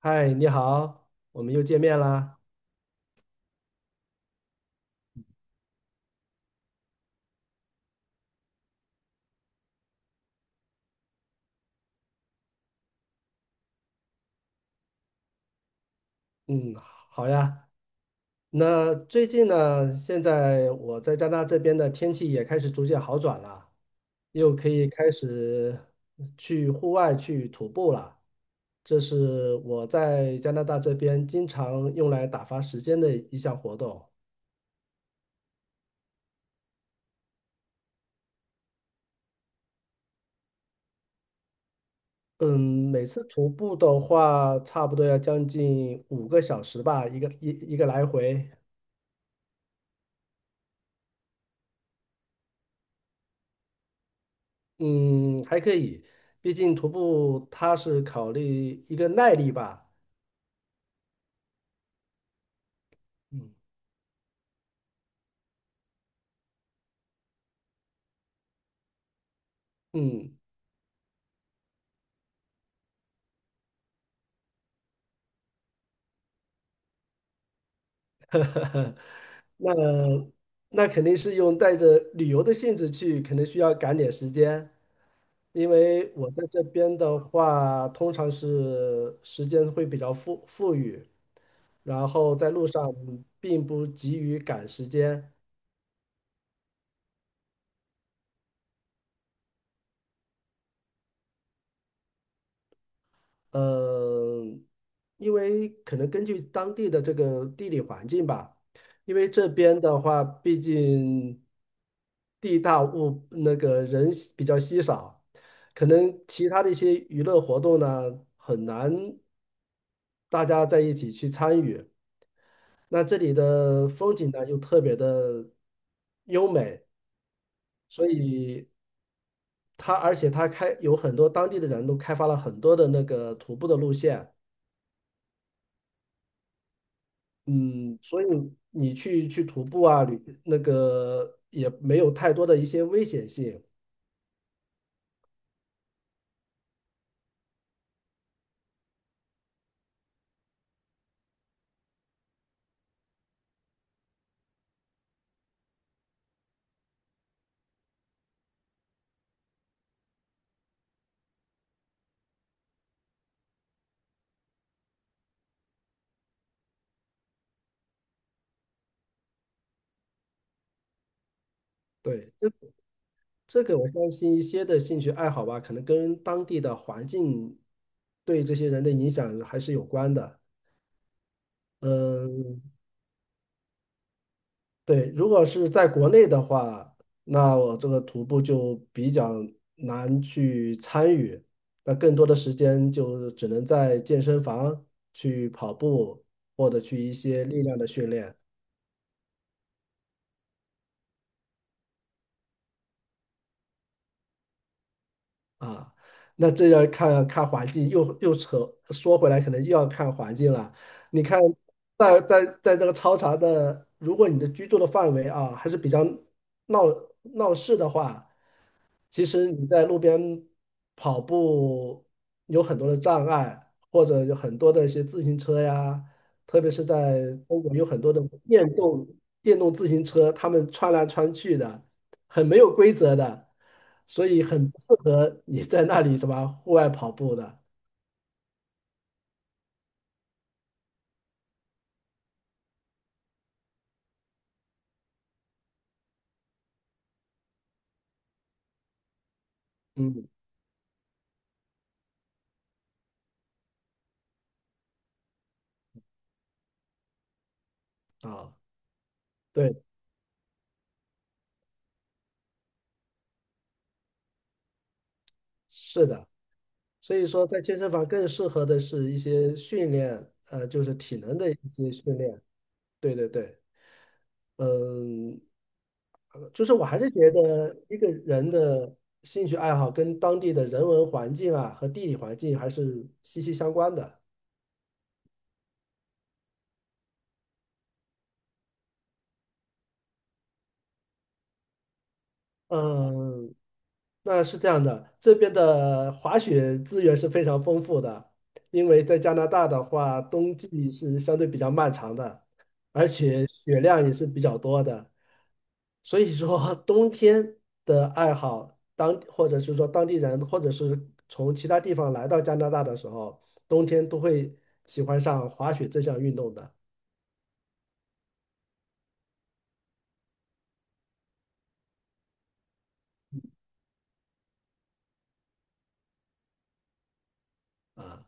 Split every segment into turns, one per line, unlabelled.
嗨，你好，我们又见面啦。嗯，好呀。那最近呢，现在我在加拿大这边的天气也开始逐渐好转了，又可以开始去户外去徒步了。这是我在加拿大这边经常用来打发时间的一项活动。嗯，每次徒步的话，差不多要将近5个小时吧，一个来回。嗯，还可以，毕竟徒步它是考虑一个耐力吧。嗯嗯，那那肯定是用带着旅游的性质去，可能需要赶点时间，因为我在这边的话，通常是时间会比较富裕，然后在路上并不急于赶时间。呃，因为可能根据当地的这个地理环境吧，因为这边的话，毕竟地大物那个人稀比较稀少，可能其他的一些娱乐活动呢，很难大家在一起去参与。那这里的风景呢，又特别的优美，所以而且有很多当地的人都开发了很多的徒步的路线。嗯，所以你去徒步啊，旅那个也没有太多的一些危险性。对，这个我相信一些的兴趣爱好吧，可能跟当地的环境对这些人的影响还是有关的。嗯，对，如果是在国内的话，那我这个徒步就比较难去参与，那更多的时间就只能在健身房去跑步，或者去一些力量的训练。啊，那这要看看环境，又说回来，可能又要看环境了。你看，在这个超长的，如果你的居住的范围啊还是比较闹闹市的话，其实你在路边跑步有很多的障碍，或者有很多的一些自行车呀，特别是在中国有很多的电动电动自行车，他们穿来穿去的，很没有规则的，所以很不适合你在那里什么户外跑步的。嗯，啊，对，是的，所以说在健身房更适合的是一些训练，就是体能的一些训练。对对对。嗯，就是我还是觉得一个人的兴趣爱好跟当地的人文环境啊和地理环境还是息息相关的。嗯，那是这样的，这边的滑雪资源是非常丰富的，因为在加拿大的话，冬季是相对比较漫长的，而且雪量也是比较多的，所以说 冬天的爱好，或者是说当地人，或者是从其他地方来到加拿大的时候，冬天都会喜欢上滑雪这项运动的。啊，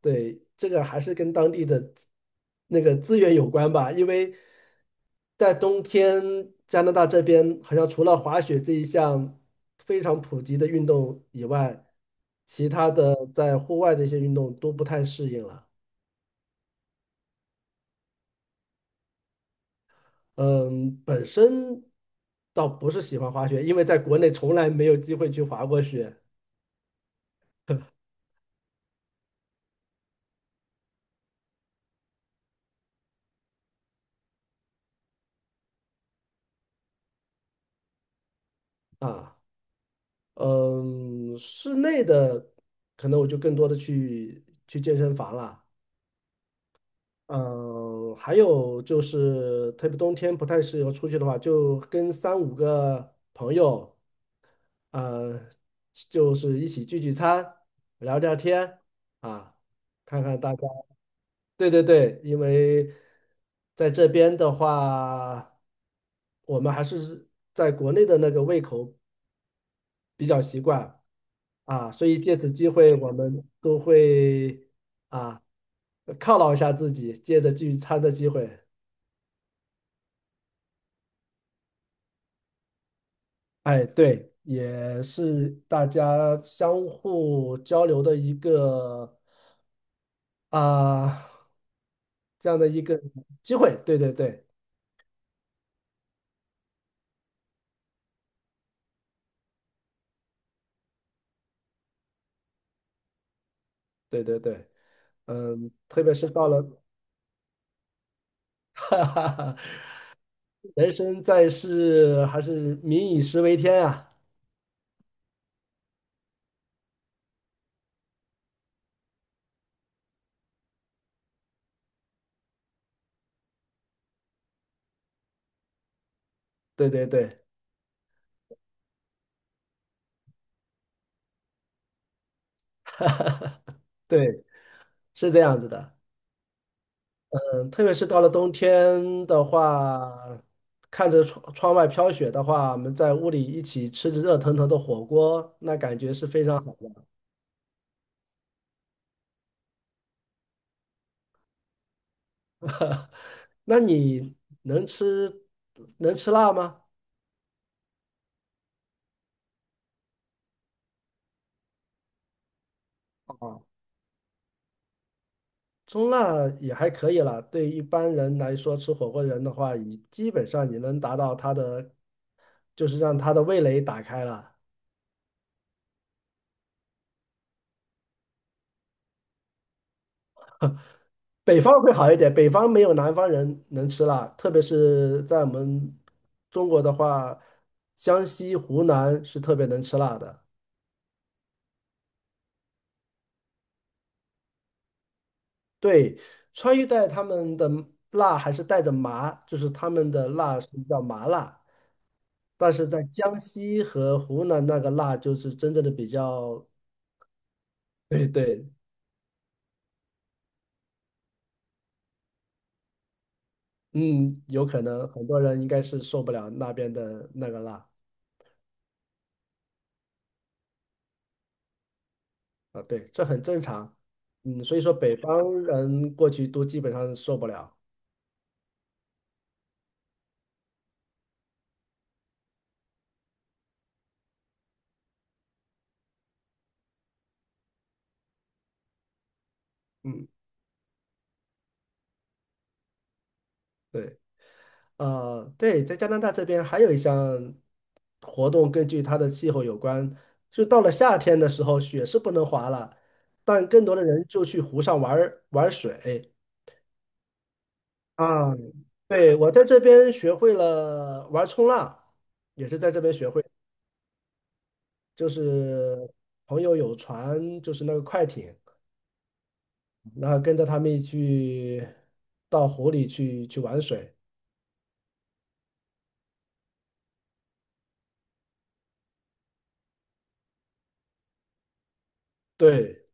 对，这个还是跟当地的那个资源有关吧，因为在冬天，加拿大这边好像除了滑雪这一项非常普及的运动以外，其他的在户外的一些运动都不太适应了。嗯，本身倒不是喜欢滑雪，因为在国内从来没有机会去滑过雪啊。嗯，室内的可能我就更多的去健身房了。嗯，还有就是，特别冬天不太适合出去的话，就跟三五个朋友，呃，就是一起聚聚餐，聊聊天啊，看看大家。对对对，因为在这边的话，我们还是在国内的那个胃口比较习惯啊，所以借此机会，我们都会啊犒劳一下自己，借着聚餐的机会。哎，对，也是大家相互交流的一个啊、这样的一个机会。对对对对对对，嗯，特别是到了 哈哈哈，人生在世，还是民以食为天啊。对对对对，是这样子的。嗯，特别是到了冬天的话，看着窗外飘雪的话，我们在屋里一起吃着热腾腾的火锅，那感觉是非常好。那你能吃能吃辣吗？啊，中辣也还可以了。对一般人来说，吃火锅人的话，你基本上你能达到他的，就是让他的味蕾打开了。北方会好一点，北方没有南方人能吃辣，特别是在我们中国的话，江西、湖南是特别能吃辣的。对，川渝带他们的辣还是带着麻，就是他们的辣是比较麻辣，但是在江西和湖南那个辣就是真正的比较，对对，嗯，有可能很多人应该是受不了那边的那个辣啊，对，这很正常，嗯，所以说北方人过去都基本上受不了，嗯，对。对，在加拿大这边还有一项活动，根据它的气候有关，就到了夏天的时候，雪是不能滑了，但更多的人就去湖上玩儿玩水啊。对，我在这边学会了玩冲浪，也是在这边学会，就是朋友有船，就是那个快艇，然后跟着他们一起去到湖里去玩水。对。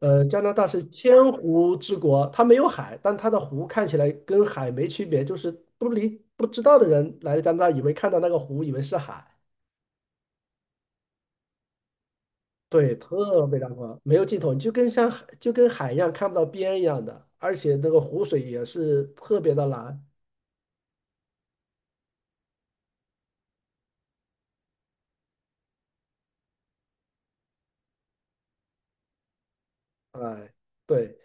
加拿大是千湖之国，它没有海，但它的湖看起来跟海没区别，就是不知道的人来了加拿大，以为看到那个湖，以为是海，对，特别壮观，没有尽头，你就跟像海就跟海一样看不到边一样的，而且那个湖水也是特别的蓝，哎，对，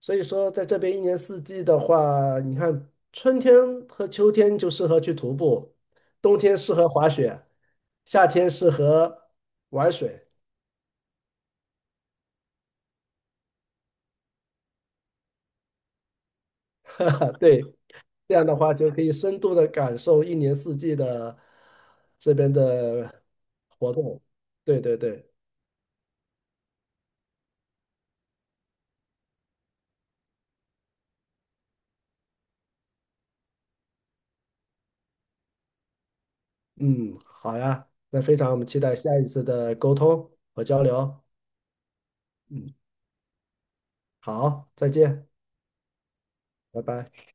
所以说在这边一年四季的话，你看春天和秋天就适合去徒步，冬天适合滑雪，夏天适合玩水，对。这样的话就可以深度的感受一年四季的这边的活动。对对对，嗯，好呀，那非常我们期待下一次的沟通和交流。嗯，好，再见，拜拜。